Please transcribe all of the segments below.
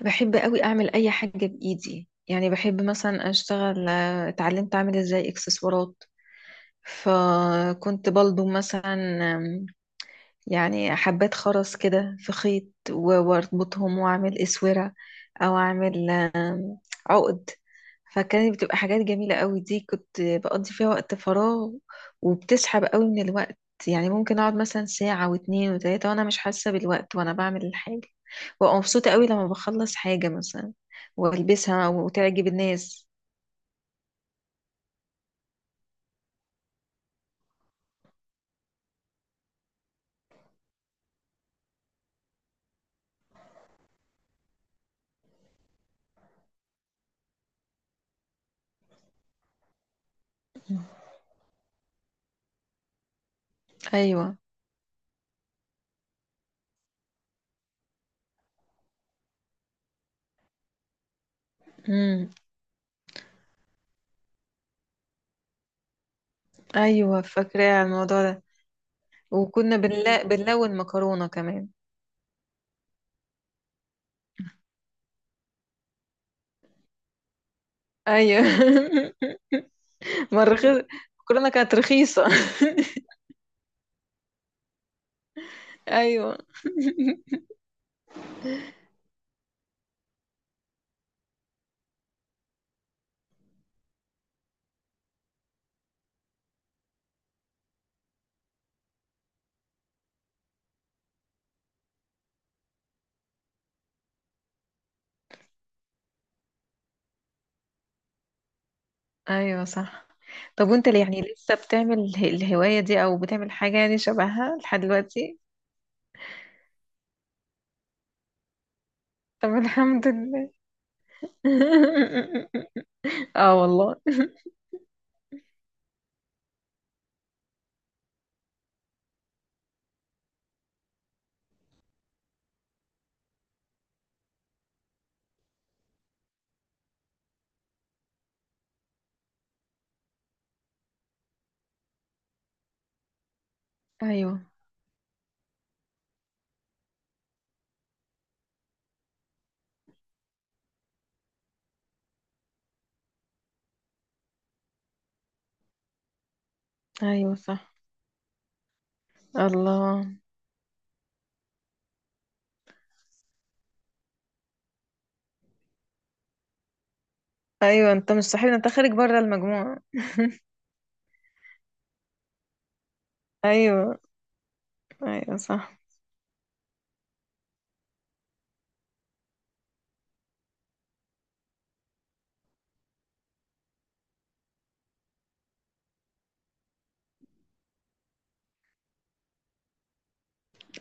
بحب قوي اعمل اي حاجه بايدي. يعني بحب مثلا اشتغل، اتعلمت اعمل ازاي اكسسوارات. فكنت بلضم مثلا، آم، يعني حبات خرز كده في خيط واربطهم واعمل اسوره، او اعمل عقد. فكانت بتبقى حاجات جميلة قوي. دي كنت بقضي فيها وقت فراغ، وبتسحب قوي من الوقت. يعني ممكن اقعد مثلا ساعة واتنين وتلاتة وانا مش حاسة بالوقت وانا بعمل الحاجة، وابقى مبسوطة قوي لما بخلص حاجة مثلا والبسها وتعجب الناس. ايوه. امم. ايوه، فاكرة على الموضوع ده. وكنا بنلون مكرونة كمان. ايوه. ما الرخيص، المكرونة كانت رخيصة. ايوه. ايوه صح. طب وانت اللي يعني لسه بتعمل الهواية دي او بتعمل حاجة يعني شبهها لحد دلوقتي؟ طب الحمد لله. اه والله. ايوه. ايوه صح. الله. ايوه انت مش صاحبنا، انت خارج بره المجموعة. ايوه. ايوه صح.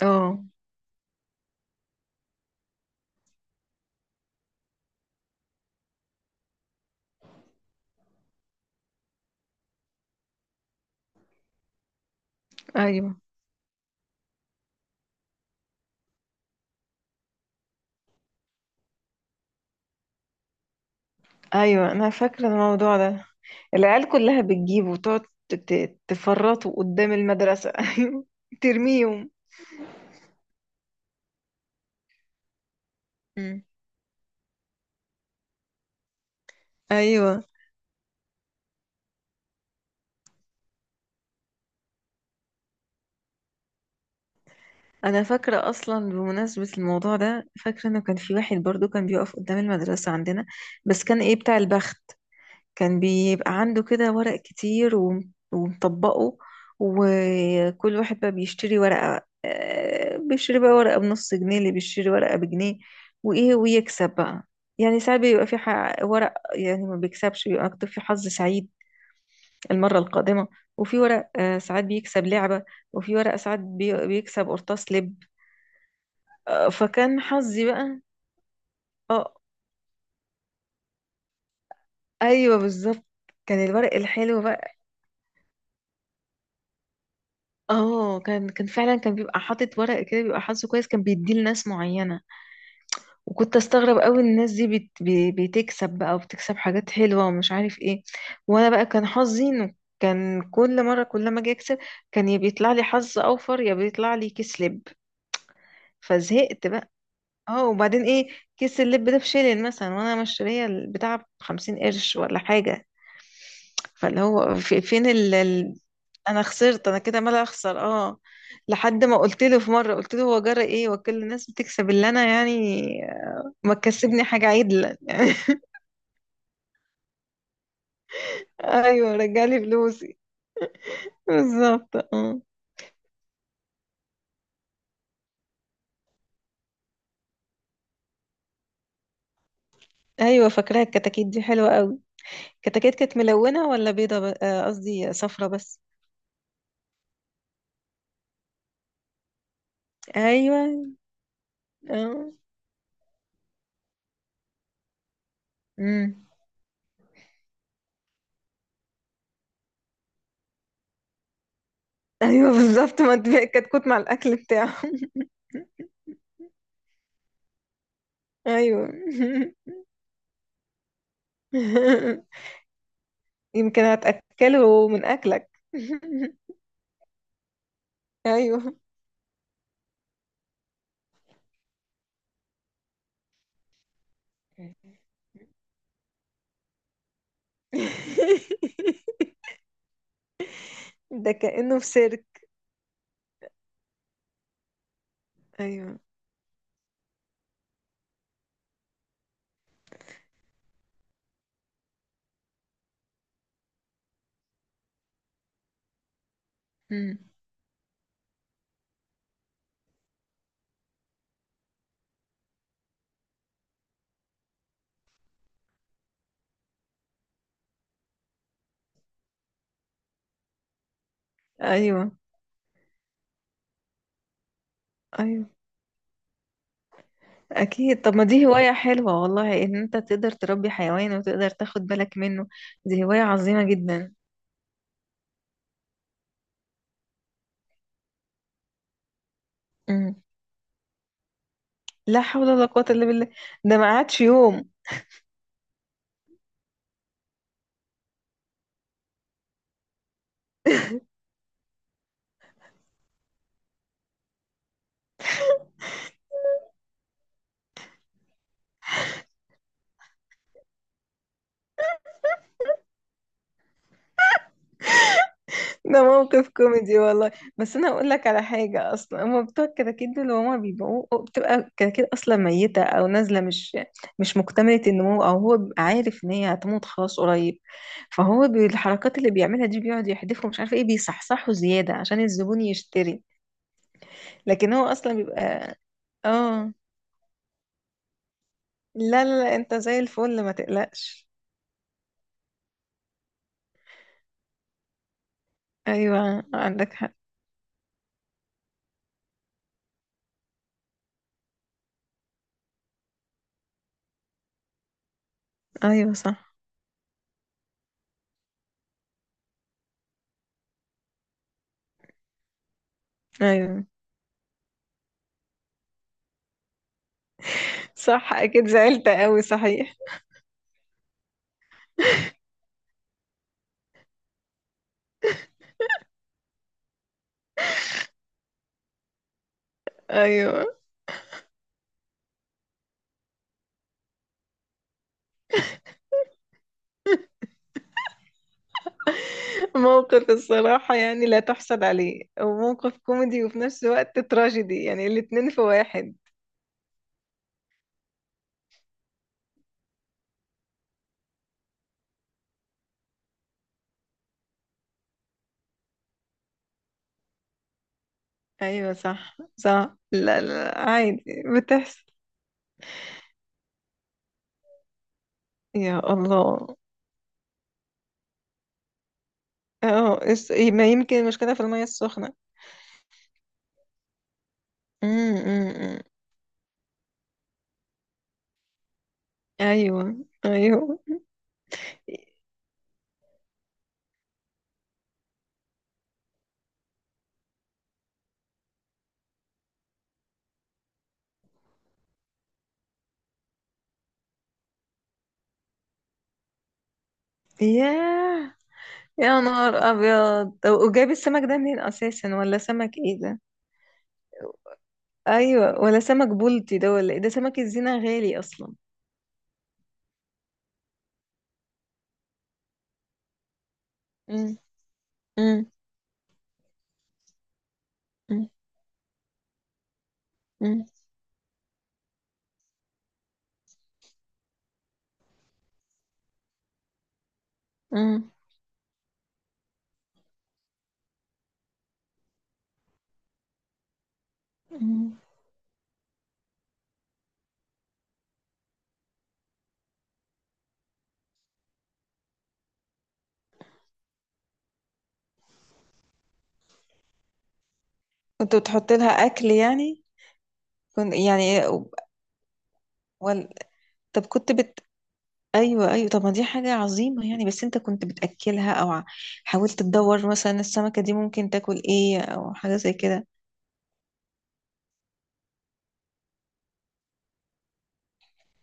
اه. ايوه. ايوه انا فاكرة الموضوع ده، العيال كلها بتجيب وتقعد تفرطوا قدام المدرسة. ايوه. ترميهم. أمم. ايوه انا فاكره اصلا بمناسبه الموضوع ده، فاكره انه كان في واحد برضو كان بيقف قدام المدرسه عندنا. بس كان ايه؟ بتاع البخت. كان بيبقى عنده كده ورق كتير ومطبقه. وكل واحد بقى بيشتري ورقه، بيشتري بقى ورقه بنص جنيه، اللي بيشتري ورقه بجنيه وايه ويكسب بقى. يعني ساعات بيبقى في ورق يعني ما بيكسبش بيبقى مكتوب فيه حظ سعيد المره القادمه. وفي ورق ساعات بيكسب لعبه. وفي ورق ساعات بيكسب قرطاس لب. فكان حظي بقى. اه. ايوه بالظبط. كان الورق الحلو بقى. اه كان فعلا كان بيبقى حاطط ورق كده بيبقى حظه كويس، كان بيديه لناس معينه. وكنت استغرب قوي الناس دي بتكسب بقى، وبتكسب حاجات حلوه ومش عارف ايه. وانا بقى كان حظي انه كان كل مره كل ما اجي اكسب كان يا بيطلع لي حظ اوفر يا بيطلع لي كسلب. فزهقت بقى. اه وبعدين ايه، كيس اللب ده بشيلن مثلا وانا مشتريه البتاع ب50 قرش ولا حاجه. فاللي هو في فين انا خسرت، انا كده مال اخسر. اه لحد ما قلت له في مره، قلت له هو جرى ايه وكل الناس بتكسب اللي انا يعني؟ ما تكسبني حاجه عدله يعني. ايوه، رجعلي فلوسي. بالظبط اه. ايوه فاكراها الكتاكيت دي حلوه قوي. الكتاكيت كانت ملونه ولا بيضه قصدي صفرة بس. ايوه. اه. امم. ايوه بالظبط، ما انت كتكوت مع الاكل بتاعه. ايوه. يمكن هتاكله من اكلك. ايوه. ده كأنه في سيرك. ايوه. مم. ايوه. ايوه اكيد، طب ما دي هواية حلوة والله ان انت تقدر تربي حيوان وتقدر تاخد بالك منه. دي هواية عظيمة جدا. مم. لا حول ولا قوة الا بالله. ده ما قعدش يوم. ده موقف كوميدي والله. بس انا اقول لك على حاجه، اصلا هما بتوع الكراكيب دول هما بيبقوا بتبقى الكراكيب اصلا ميته او نازله مش مكتمله النمو، او هو بيبقى عارف ان هي هتموت خلاص قريب. فهو بالحركات اللي بيعملها دي بيقعد يحدفهم مش عارفه ايه بيصحصحوا زياده عشان الزبون يشتري. لكن هو اصلا بيبقى. اه. لا لا لا انت زي الفل، ما تقلقش. ايوه عندك حق. ايوه صح. ايوه صح. اكيد زعلت قوي صحيح. ايوه، موقف الصراحة يعني لا تحصل عليه، وموقف كوميدي وفي نفس الوقت تراجيدي يعني الاتنين في واحد. أيوة صح صح، لا لا عادي بتحصل. يا الله. اه، ما يمكن المشكلة في المية السخنة. أمم، أمم، أمم. أيوة أيوة. ياه. يا نهار أبيض، طب وجايب السمك ده منين أساسا؟ ولا سمك إيه ده؟ أيوة ولا سمك بولتي ده ولا إيه ده؟ سمك الزينة غالي أصلا. أمم، أمم، أمم، أمم، أمم. كنت بتحط لها اكل يعني؟ كنت يعني ولا. طب كنت بت. ايوه ايوه، طب ما دي حاجه عظيمه يعني، بس انت كنت بتاكلها او حاولت تدور مثلا السمكه دي ممكن تاكل ايه او حاجه زي كده؟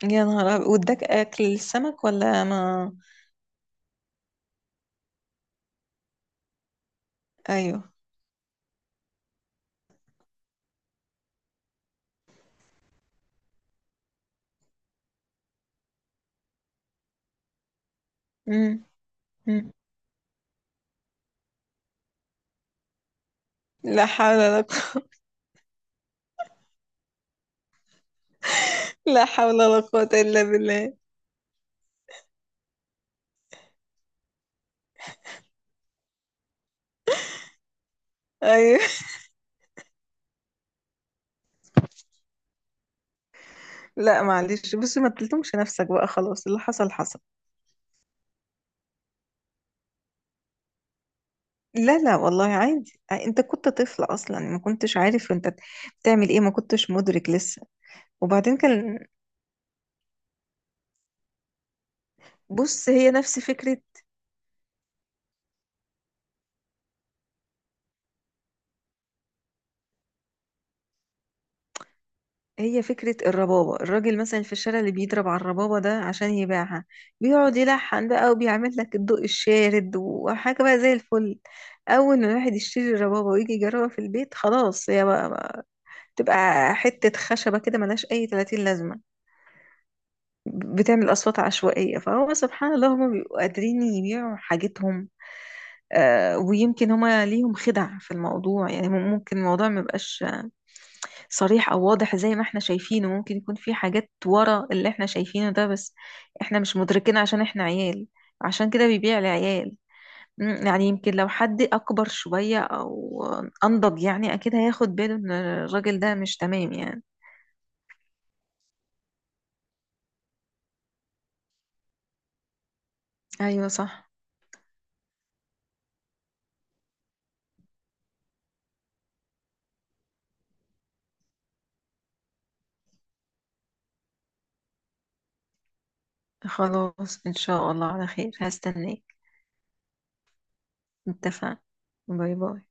يا نهار أبيض. واداك اكل السمك ولا ما؟ ايوه. امم. أمم. لا حول ولا قوة. لا حول ولا قوة إلا بالله. أيوه. لا معلش بصي، ما تلتمش نفسك بقى خلاص، اللي حصل حصل. لا لا والله عادي، انت كنت طفل اصلا ما كنتش عارف انت بتعمل ايه، ما كنتش مدرك لسه. وبعدين كان. بص، هي نفس فكرة. هي فكرة الربابة، الراجل مثلا في الشارع اللي بيضرب على الربابة ده عشان يبيعها بيقعد يلحن بقى وبيعمل لك الضوء الشارد وحاجة بقى زي الفل. أول ما الواحد يشتري الربابة ويجي يجربها في البيت خلاص هي بقى، تبقى حتة خشبة كده ملهاش أي 30 لازمة. بتعمل أصوات عشوائية. فهو سبحان الله هما بيبقوا قادرين يبيعوا حاجتهم. ويمكن هما ليهم خدع في الموضوع، يعني ممكن الموضوع ما يبقاش صريح او واضح زي ما احنا شايفينه، ممكن يكون في حاجات ورا اللي احنا شايفينه ده، بس احنا مش مدركين عشان احنا عيال. عشان كده بيبيع لعيال. مم، يعني يمكن لو حد اكبر شوية او انضج يعني اكيد هياخد باله ان الراجل ده مش تمام يعني. ايوه صح. خلاص ان شاء الله على خير، هستناك. اتفقنا. باي باي.